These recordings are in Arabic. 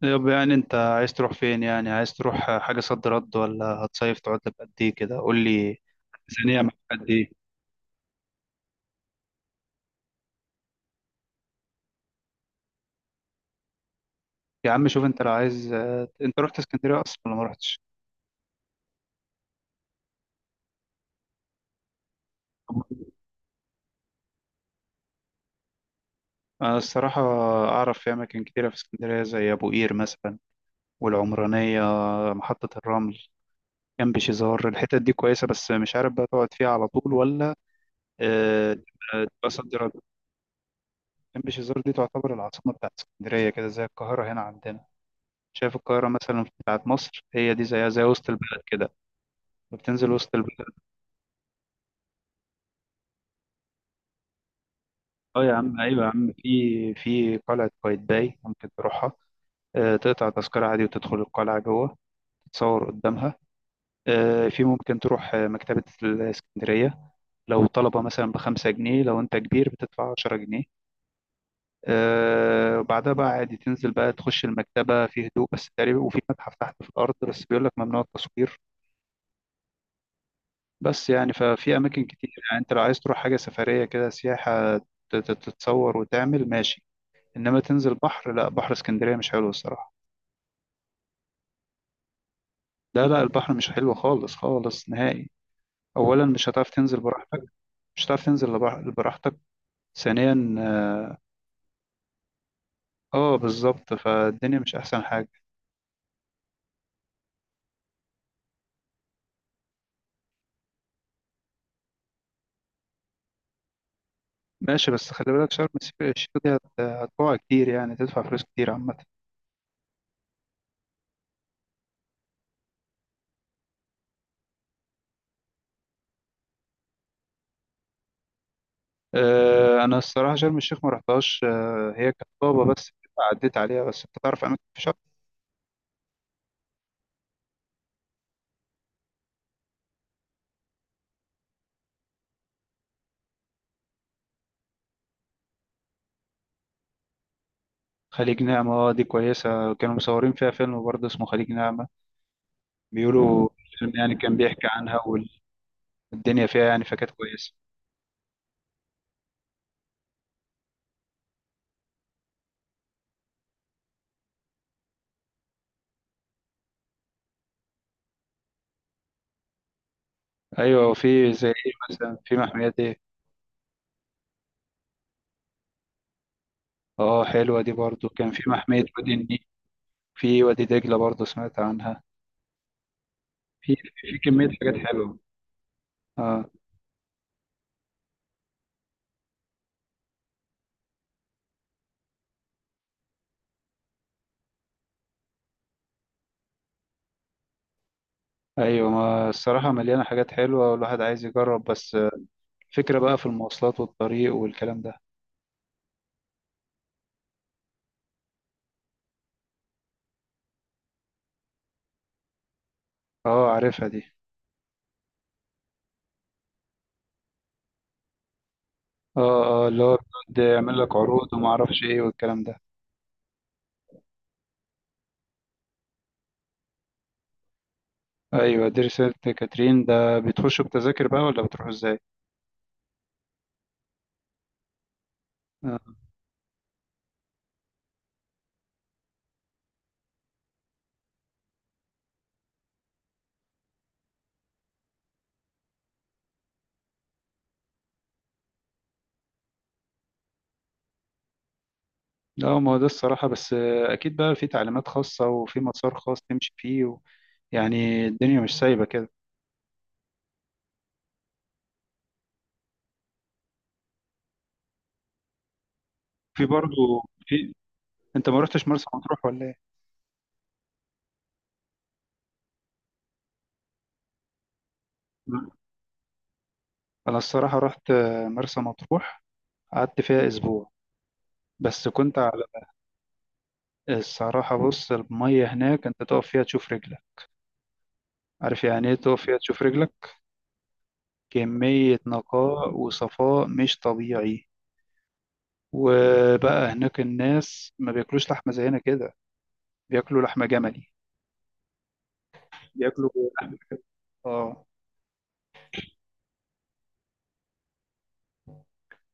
طب يعني انت عايز تروح فين؟ يعني عايز تروح حاجة صد رد ولا هتصيف؟ تقعد لك قد ايه كده؟ قول لي. ميزانية معاك قد ايه؟ يا عم شوف انت لو عايز. انت رحت اسكندرية اصلا ولا ما رحتش؟ انا الصراحة اعرف في اماكن كتيرة في اسكندرية، زي ابو قير مثلا، والعمرانية، محطة الرمل، جنب شيزار. الحتت دي كويسة، بس مش عارف بقى تقعد فيها على طول ولا. اه، تبقى صد رد. جنب شيزار دي تعتبر العاصمة بتاعت اسكندرية، كده زي القاهرة هنا عندنا. شايف القاهرة مثلا بتاعت مصر، هي دي زيها زي وسط البلد كده، بتنزل وسط البلد. اه يا عم، ايوه يا عم، في قلعة قايتباي ممكن تروحها. آه، تقطع تذكرة عادي وتدخل القلعة جوه، تتصور قدامها. آه، ممكن تروح مكتبة الإسكندرية. لو طلبة مثلا بخمسة جنيه، لو أنت كبير بتدفع عشرة جنيه. آه، وبعدها بقى عادي تنزل بقى تخش المكتبة في هدوء بس تقريبا، وفي متحف تحت في الأرض، بس بيقول لك ممنوع التصوير. بس يعني ففي اماكن كتير. يعني انت لو عايز تروح حاجه سفريه كده، سياحه، تتصور وتعمل ماشي. انما تنزل بحر، لا، بحر اسكندريه مش حلو الصراحه. لا لا، البحر مش حلو خالص خالص نهائي. اولا مش هتعرف تنزل براحتك. مش هتعرف تنزل براحتك. ثانيا اه، آه، بالظبط، فالدنيا مش احسن حاجه. ماشي، بس خلي بالك شرم الشيخ. هتقع كتير، يعني تدفع فلوس كتير عامه. آه، انا الصراحه شرم الشيخ ما رحتهاش. آه، هي كانت طابه بس، عديت عليها. بس انت تعرف اماكن في شرم. خليج نعمة، اه، دي كويسة. كانوا مصورين فيها فيلم برضه اسمه خليج نعمة، بيقولوا الفيلم يعني كان بيحكي عنها. والدنيا فيها يعني فكانت كويسة. أيوة، وفي زي إيه مثلا؟ في محميات إيه؟ اه، حلوة دي برضه. كان في محمية وادي النيل. في وادي دجلة برضه سمعت عنها. في في كمية حاجات حلوة. اه. أيوة، ما الصراحة مليانة حاجات حلوة، والواحد عايز يجرب. بس الفكرة بقى في المواصلات والطريق والكلام ده. اه، عارفها دي. اه اه، اللي هو بيقعد يعمل لك عروض ومعرفش ايه والكلام ده. ايوه، دير سانت كاترين ده بتخشوا بتذاكر بقى ولا بتروحوا ازاي؟ آه. لا، ما هو ده الصراحه، بس آه، اكيد بقى في تعليمات خاصه وفي مسار خاص تمشي فيه و... يعني الدنيا مش سايبه كده. في برضه في. انت ما رحتش مرسى مطروح ولا ايه؟ لا. انا الصراحه رحت مرسى مطروح، قعدت فيها اسبوع، بس كنت على. الصراحه بص، الميه هناك انت تقف فيها تشوف رجلك. عارف يعني ايه تقف فيها تشوف رجلك؟ كميه نقاء وصفاء مش طبيعي. وبقى هناك الناس ما بياكلوش لحمة زينا كده، بياكلوا لحمة جملي، بياكلوا لحمة، اه.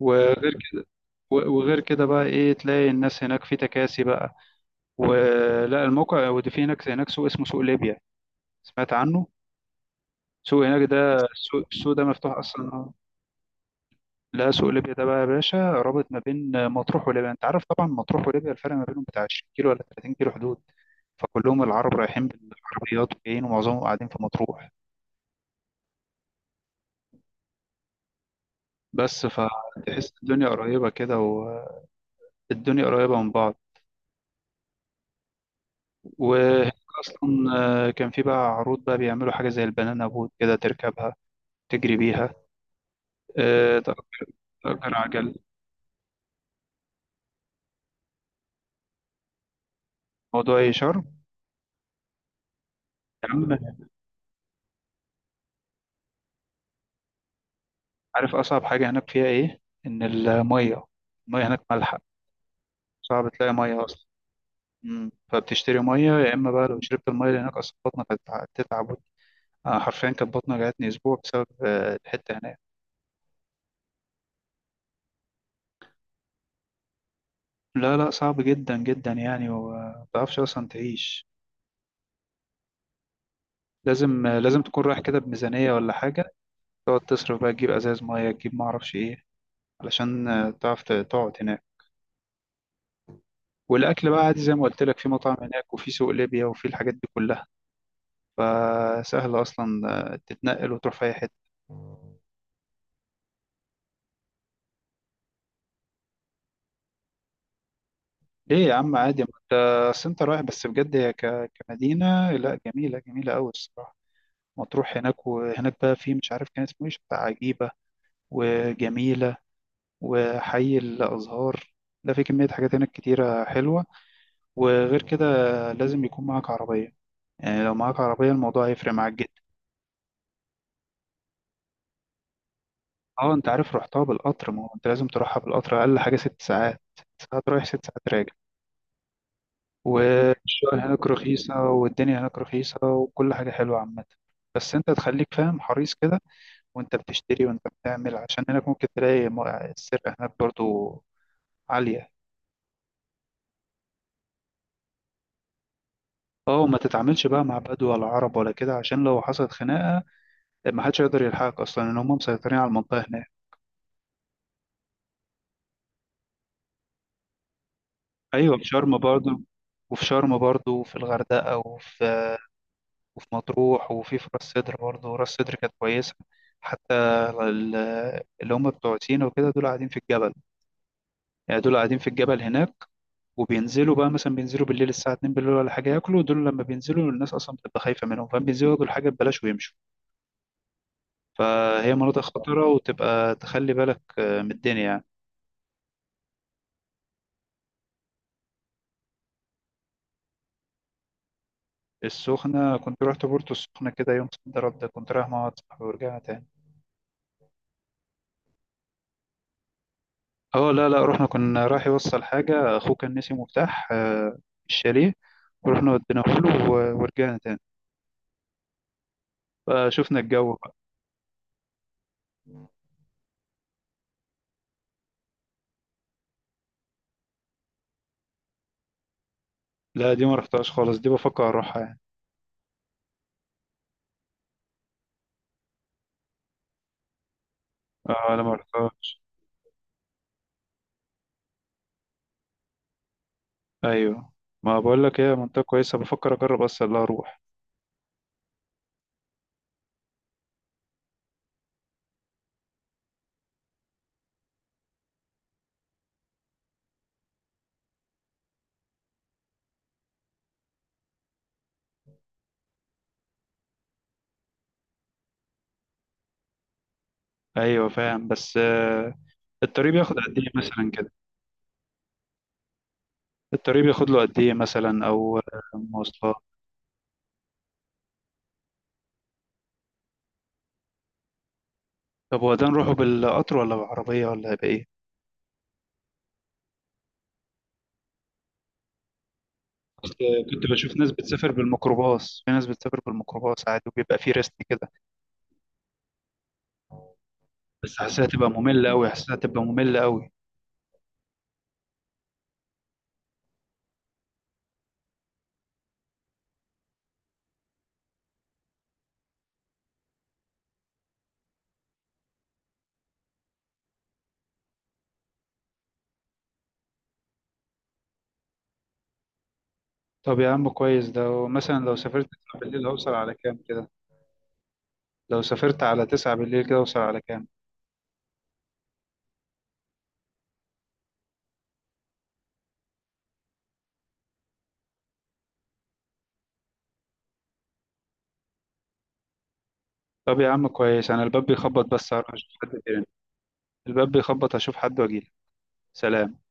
وغير كده، وغير كده بقى ايه، تلاقي الناس هناك في تكاسي بقى ولا الموقع ودي. في هناك، هناك سوق اسمه سوق ليبيا، سمعت عنه؟ سوق هناك، ده السوق ده مفتوح اصلا آه. لا، سوق ليبيا ده بقى يا باشا رابط ما بين مطروح وليبيا. انت عارف طبعا مطروح وليبيا الفرق ما بينهم بتاع 20 كيلو ولا 30 كيلو، حدود. فكلهم العرب رايحين بالعربيات وجايين، ومعظمهم قاعدين في مطروح. بس فتحس الدنيا قريبة كده، والدنيا قريبة من بعض. وهناك أصلا آه، كان في بقى عروض بقى بيعملوا حاجة زي البنانا بوت كده، تركبها تجري بيها. آه، تأجر عجل. موضوع إيه شرم؟ يا عم، عارف أصعب حاجة هناك فيها إيه؟ إن المية. المية هناك مالحة، صعب تلاقي مية أصلا. فبتشتري مية. يا إما بقى لو شربت المية اللي هناك أصلا، بطنك هتتعب. آه، حرفيا كانت بطني جاتني أسبوع بسبب الحتة هناك. لا لا، صعب جدا جدا يعني، وما تعرفش اصلا تعيش. لازم، لازم تكون رايح كده بميزانية ولا حاجة، تقعد تصرف بقى، تجيب ازاز مية، تجيب ما اعرفش ايه، علشان تعرف تقعد هناك. والاكل بقى عادي زي ما قلت لك، في مطاعم هناك، وفي سوق ليبيا، وفي الحاجات دي كلها، فسهل اصلا تتنقل وتروح في اي حتة. ليه يا عم عادي؟ ما انت اصل انت رايح. بس بجد هي كمدينة لا، جميلة، جميلة قوي الصراحة مطروح. هناك وهناك بقى في مش عارف كان اسمه ايه، شط عجيبة، وجميلة، وحي الأزهار، ده في كمية حاجات هناك كتيرة حلوة. وغير كده لازم يكون معاك عربية. يعني لو معاك عربية الموضوع هيفرق معاك جدا. اه، انت عارف رحتها بالقطر، ما هو انت لازم تروحها بالقطر. أقل حاجة ست ساعات، ست ساعات رايح ست ساعات راجع. والشغل هناك رخيصة، والدنيا هناك رخيصة، وكل حاجة حلوة عامة. بس انت تخليك فاهم، حريص كده وانت بتشتري وانت بتعمل، عشان هناك ممكن تلاقي السرقة هناك برضو عالية. اه، وما تتعاملش بقى مع بدو ولا عرب ولا كده، عشان لو حصلت خناقة ما حدش يقدر يلحقك اصلا، ان هم مسيطرين على المنطقه هناك. ايوه، في شرم برضه، وفي شرم برضه، وفي الغردقه، وفي مطروح، وفي راس سدر برضه. راس سدر كانت كويسه حتى. ال- اللي هم بتوع سينا وكده، دول قاعدين في الجبل، يعني دول قاعدين في الجبل هناك. وبينزلوا بقى مثلا، بينزلوا بالليل الساعة 2 بالليل ولا حاجة، ياكلوا. دول لما بينزلوا الناس أصلا بتبقى خايفة منهم، فبينزلوا ياكلوا الحاجة ببلاش ويمشوا. فهي مناطق خطيرة، وتبقى تخلي بالك من الدنيا يعني. السخنة كنت رحت بورتو السخنة كده يوم صد رد، ده كنت رايح مع واحد صاحبي ورجعها تاني. اه لا لا، رحنا كنا رايح يوصل حاجة، أخوه كان نسي مفتاح الشاليه، ورحنا وديناه له ورجعنا تاني، فشفنا الجو بقى. لا، دي ما رحتهاش خالص، دي بفكر أروحها يعني. اه لا، ما رحتهاش. أيوه، ما بقول لك هي منطقة كويسة بفكر أجرب أصلا لا أروح. أيوه فاهم، بس آه، الطريق بياخد قد إيه مثلا كده؟ الطريق بياخد له قد إيه مثلا؟ أو آه، مواصلات؟ طب هو ده نروحه بالقطر ولا بالعربية ولا بإيه؟ كنت، كنت بشوف ناس بتسافر بالميكروباص. في ناس بتسافر بالميكروباص عادي، وبيبقى فيه ريست كده، بس حاسسها تبقى مملة أوي، حاسسها تبقى مملة أوي. طب يا عم كويس، ده مثلا لو سافرت 9 بالليل هوصل على كام كده؟ لو سافرت على 9 بالليل كده هوصل على كام؟ طب يا عم كويس، أنا الباب بيخبط بس، هروح أشوف حد تاني. الباب بيخبط، أشوف حد وأجيلك. سلام.